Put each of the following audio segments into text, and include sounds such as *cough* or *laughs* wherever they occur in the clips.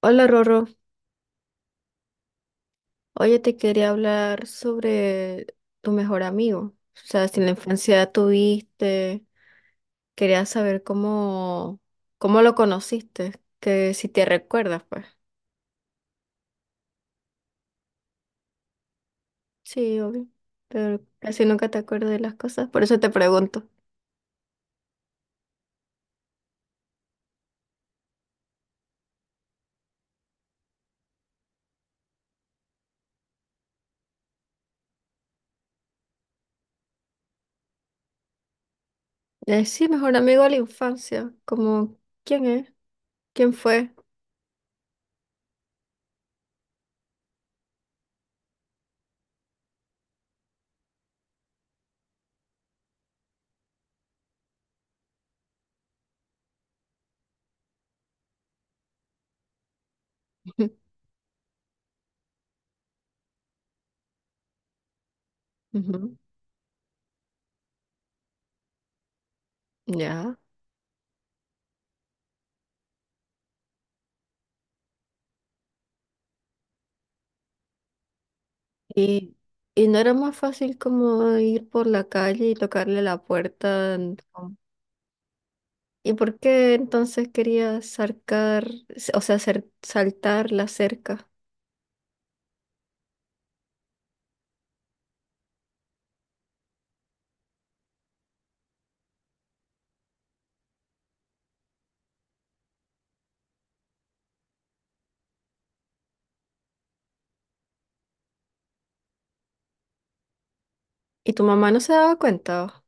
Hola Rorro, oye, te quería hablar sobre tu mejor amigo. O sea, si en la infancia tuviste, quería saber cómo lo conociste, que si te recuerdas, pues. Sí, obvio, pero casi nunca te acuerdas de las cosas, por eso te pregunto. Sí, mejor amigo de la infancia, como, ¿quién es? ¿Quién fue? *laughs* Ujú. Ya. Y, y no era más fácil como ir por la calle y tocarle la puerta. ¿Y por qué entonces querías sarcar, o sea, hacer saltar la cerca? ¿Y tu mamá no se daba cuenta?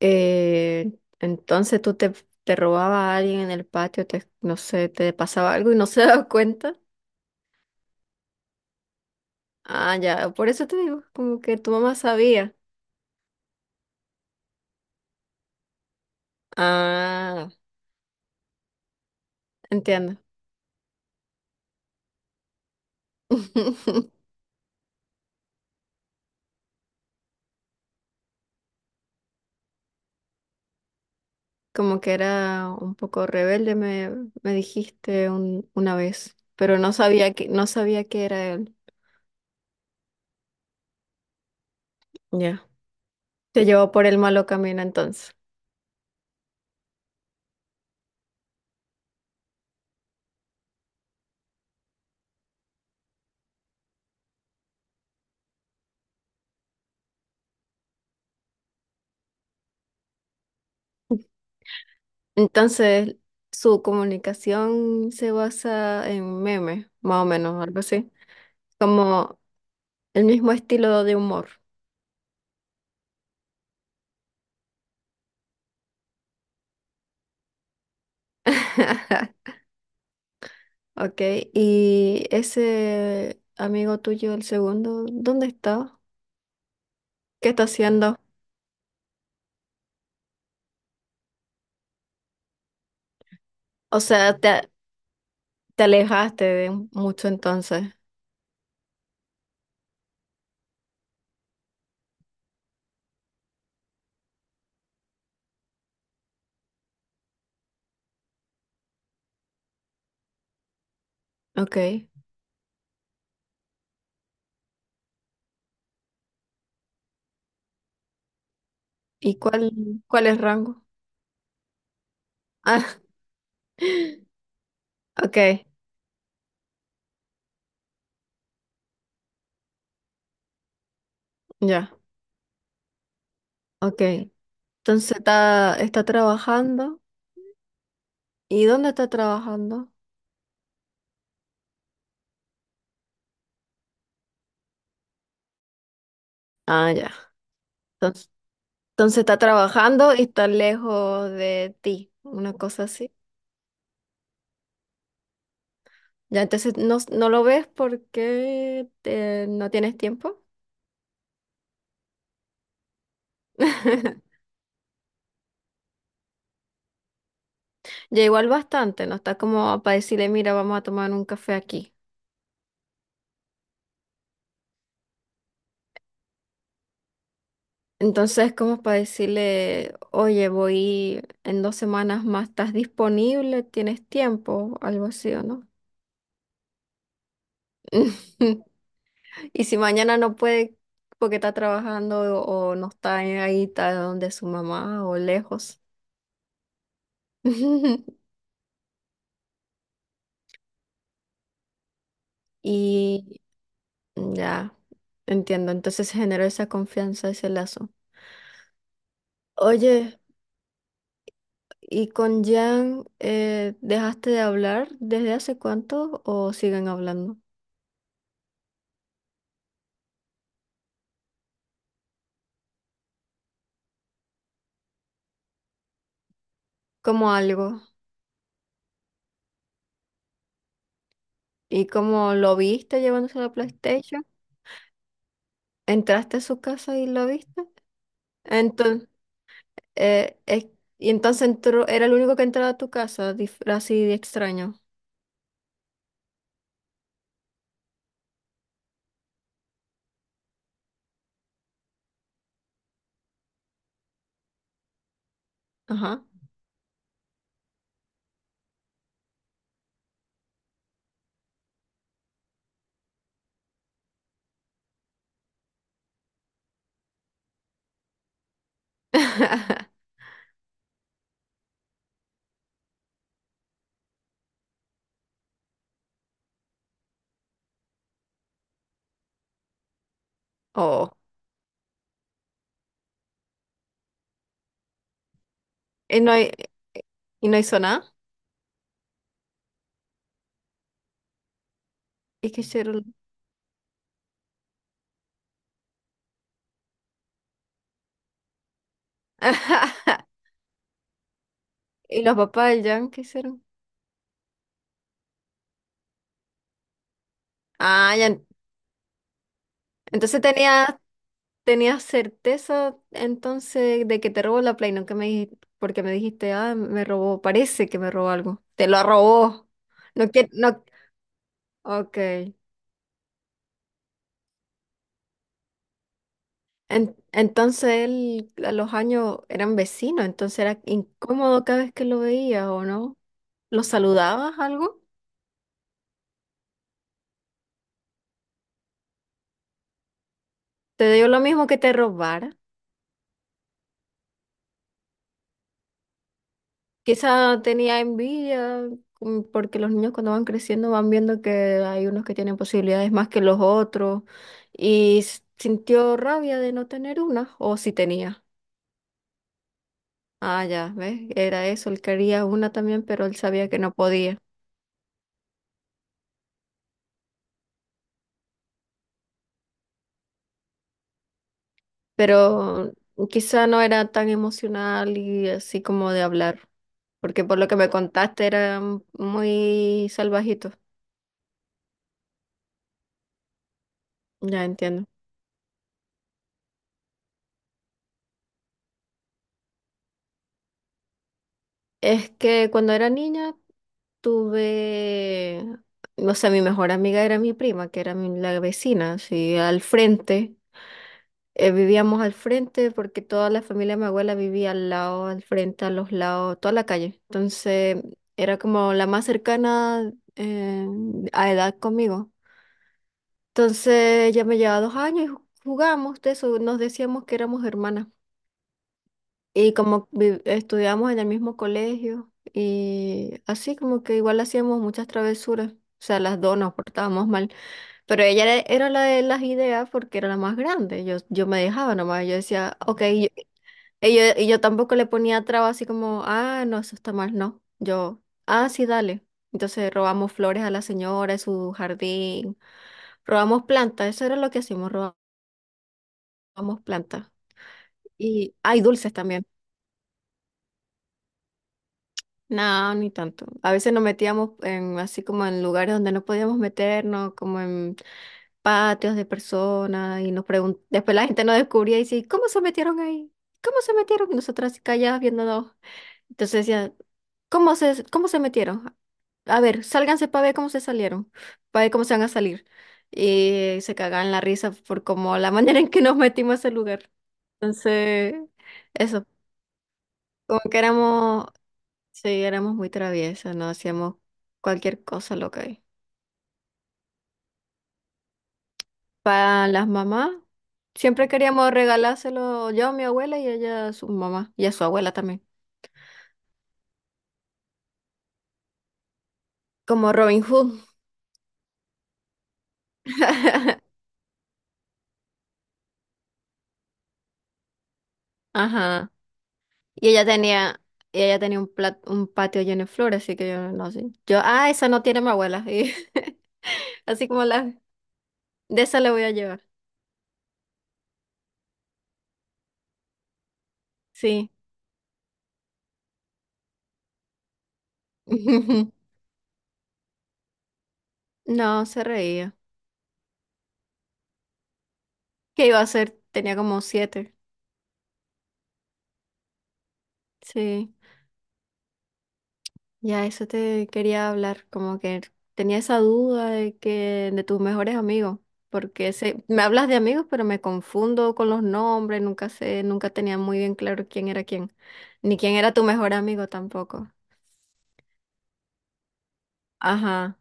Eh, entonces tú te, robaba a alguien en el patio, te, no sé, te pasaba algo y no *laughs* se daba cuenta. Ah, ya, por eso te digo, como que tu mamá sabía. Ah, entiendo. *laughs* Como que era un poco rebelde, me dijiste una vez, pero no sabía que, no sabía que era él. Ya. Te llevó por el malo camino entonces. Entonces, su comunicación se basa en memes, más o menos, algo así. Como el mismo estilo de humor. *laughs* Ok, y ese amigo tuyo, el segundo, ¿dónde está? ¿Qué está haciendo? O sea, te alejaste de mucho entonces. Ok, ¿y cuál es rango? Ah, *laughs* ok, ya, ok. Entonces está trabajando. ¿Y dónde está trabajando? Ah, ya. Entonces está trabajando y está lejos de ti, una cosa así. Ya, entonces no lo ves porque no tienes tiempo. *laughs* Ya igual bastante, no está como para decirle, mira, vamos a tomar un café aquí. Entonces, como para decirle, oye, voy en 2 semanas más, ¿estás disponible? ¿Tienes tiempo? Algo así, ¿o no? *laughs* Y si mañana no puede porque está trabajando o no está ahí, está donde su mamá o lejos. *laughs* Y ya, entiendo. Entonces se generó esa confianza, ese lazo. Oye, ¿y con Jan dejaste de hablar desde hace cuánto o siguen hablando? Como algo. ¿Y cómo lo viste llevándose la PlayStation? ¿Entraste a su casa y lo viste? Entonces, eh, es- y entonces entró, era el único que entraba a tu casa, así de extraño. Ajá. *laughs* Oh. ¿Y no, y no hizo nada? ¿Y qué hicieron? *laughs* ¿Y los papás del Jan qué hicieron? Ah, ya. Entonces tenía, certeza entonces de que te robó la Play, no que me dijiste, porque me dijiste, ah, me robó, parece que me robó algo. Te lo robó. No que no. Ok. Entonces él a los años eran vecinos, entonces era incómodo cada vez que lo veías, ¿o no? ¿Lo saludabas algo? ¿Te dio lo mismo que te robara? Quizá tenía envidia, porque los niños cuando van creciendo van viendo que hay unos que tienen posibilidades más que los otros y sintió rabia de no tener una, o si tenía. Ah, ya, ¿ves? Era eso, él quería una también, pero él sabía que no podía. Pero quizá no era tan emocional y así como de hablar, porque por lo que me contaste era muy salvajito. Ya entiendo. Es que cuando era niña, tuve, o sea, mi mejor amiga era mi- prima, que era la vecina, así al frente. Vivíamos al frente porque toda la familia de mi abuela vivía al lado, al frente, a los lados, toda la calle. Entonces era como la más cercana, a edad conmigo. Entonces ella me llevaba 2 años y jugamos de eso, nos decíamos que éramos hermanas. Y como estudiamos en el mismo colegio y así como que igual hacíamos muchas travesuras. O sea, las dos nos portábamos mal. Pero ella era la de las ideas porque era la más grande. Yo me dejaba nomás. Yo decía, ok, y yo tampoco le ponía traba así como, ah, no, eso está mal, no. Yo, ah, sí, dale. Entonces robamos flores a la señora en su jardín, robamos plantas, eso era lo que hacíamos, robamos plantas. Y hay dulces también. No, ni tanto. A veces nos metíamos en, así como en lugares donde no podíamos meternos, como en patios de personas, y nos después la gente nos descubría y decía, ¿cómo se metieron ahí? ¿Cómo se metieron? Y nosotras así calladas viéndonos. Entonces decía, ¿cómo se metieron? A ver, sálganse para ver cómo se salieron, para ver cómo se van a salir. Y se cagaban la risa por como la *laughs* manera en que nos metimos a ese lugar. Entonces, eso, como que éramos sí, éramos muy traviesas, no hacíamos cualquier cosa loca ahí. Para las mamás, siempre queríamos regalárselo yo a mi abuela y ella a su mamá y a su abuela también. Como Robin Hood. Ajá. Y ella tenía, y ella tenía un un patio lleno de flores, así que yo no sé. Yo, ah, esa no tiene mi abuela. Y *laughs* así como la, de esa la voy a llevar. Sí. *laughs* No, se reía. ¿Qué iba a hacer? Tenía como 7. Sí. Ya, eso te quería hablar, como que tenía esa duda de que de tus mejores amigos, porque se me hablas de amigos, pero me confundo con los nombres, nunca sé, nunca tenía muy bien claro quién era quién, ni quién era tu mejor amigo tampoco. Ajá,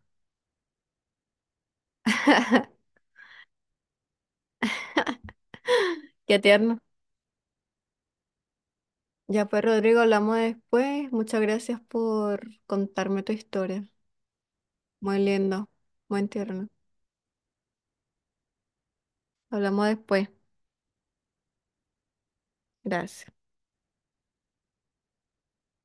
qué tierno. Ya pues, Rodrigo, hablamos después. Muchas gracias por contarme tu historia. Muy lindo, muy tierno. Hablamos después. Gracias.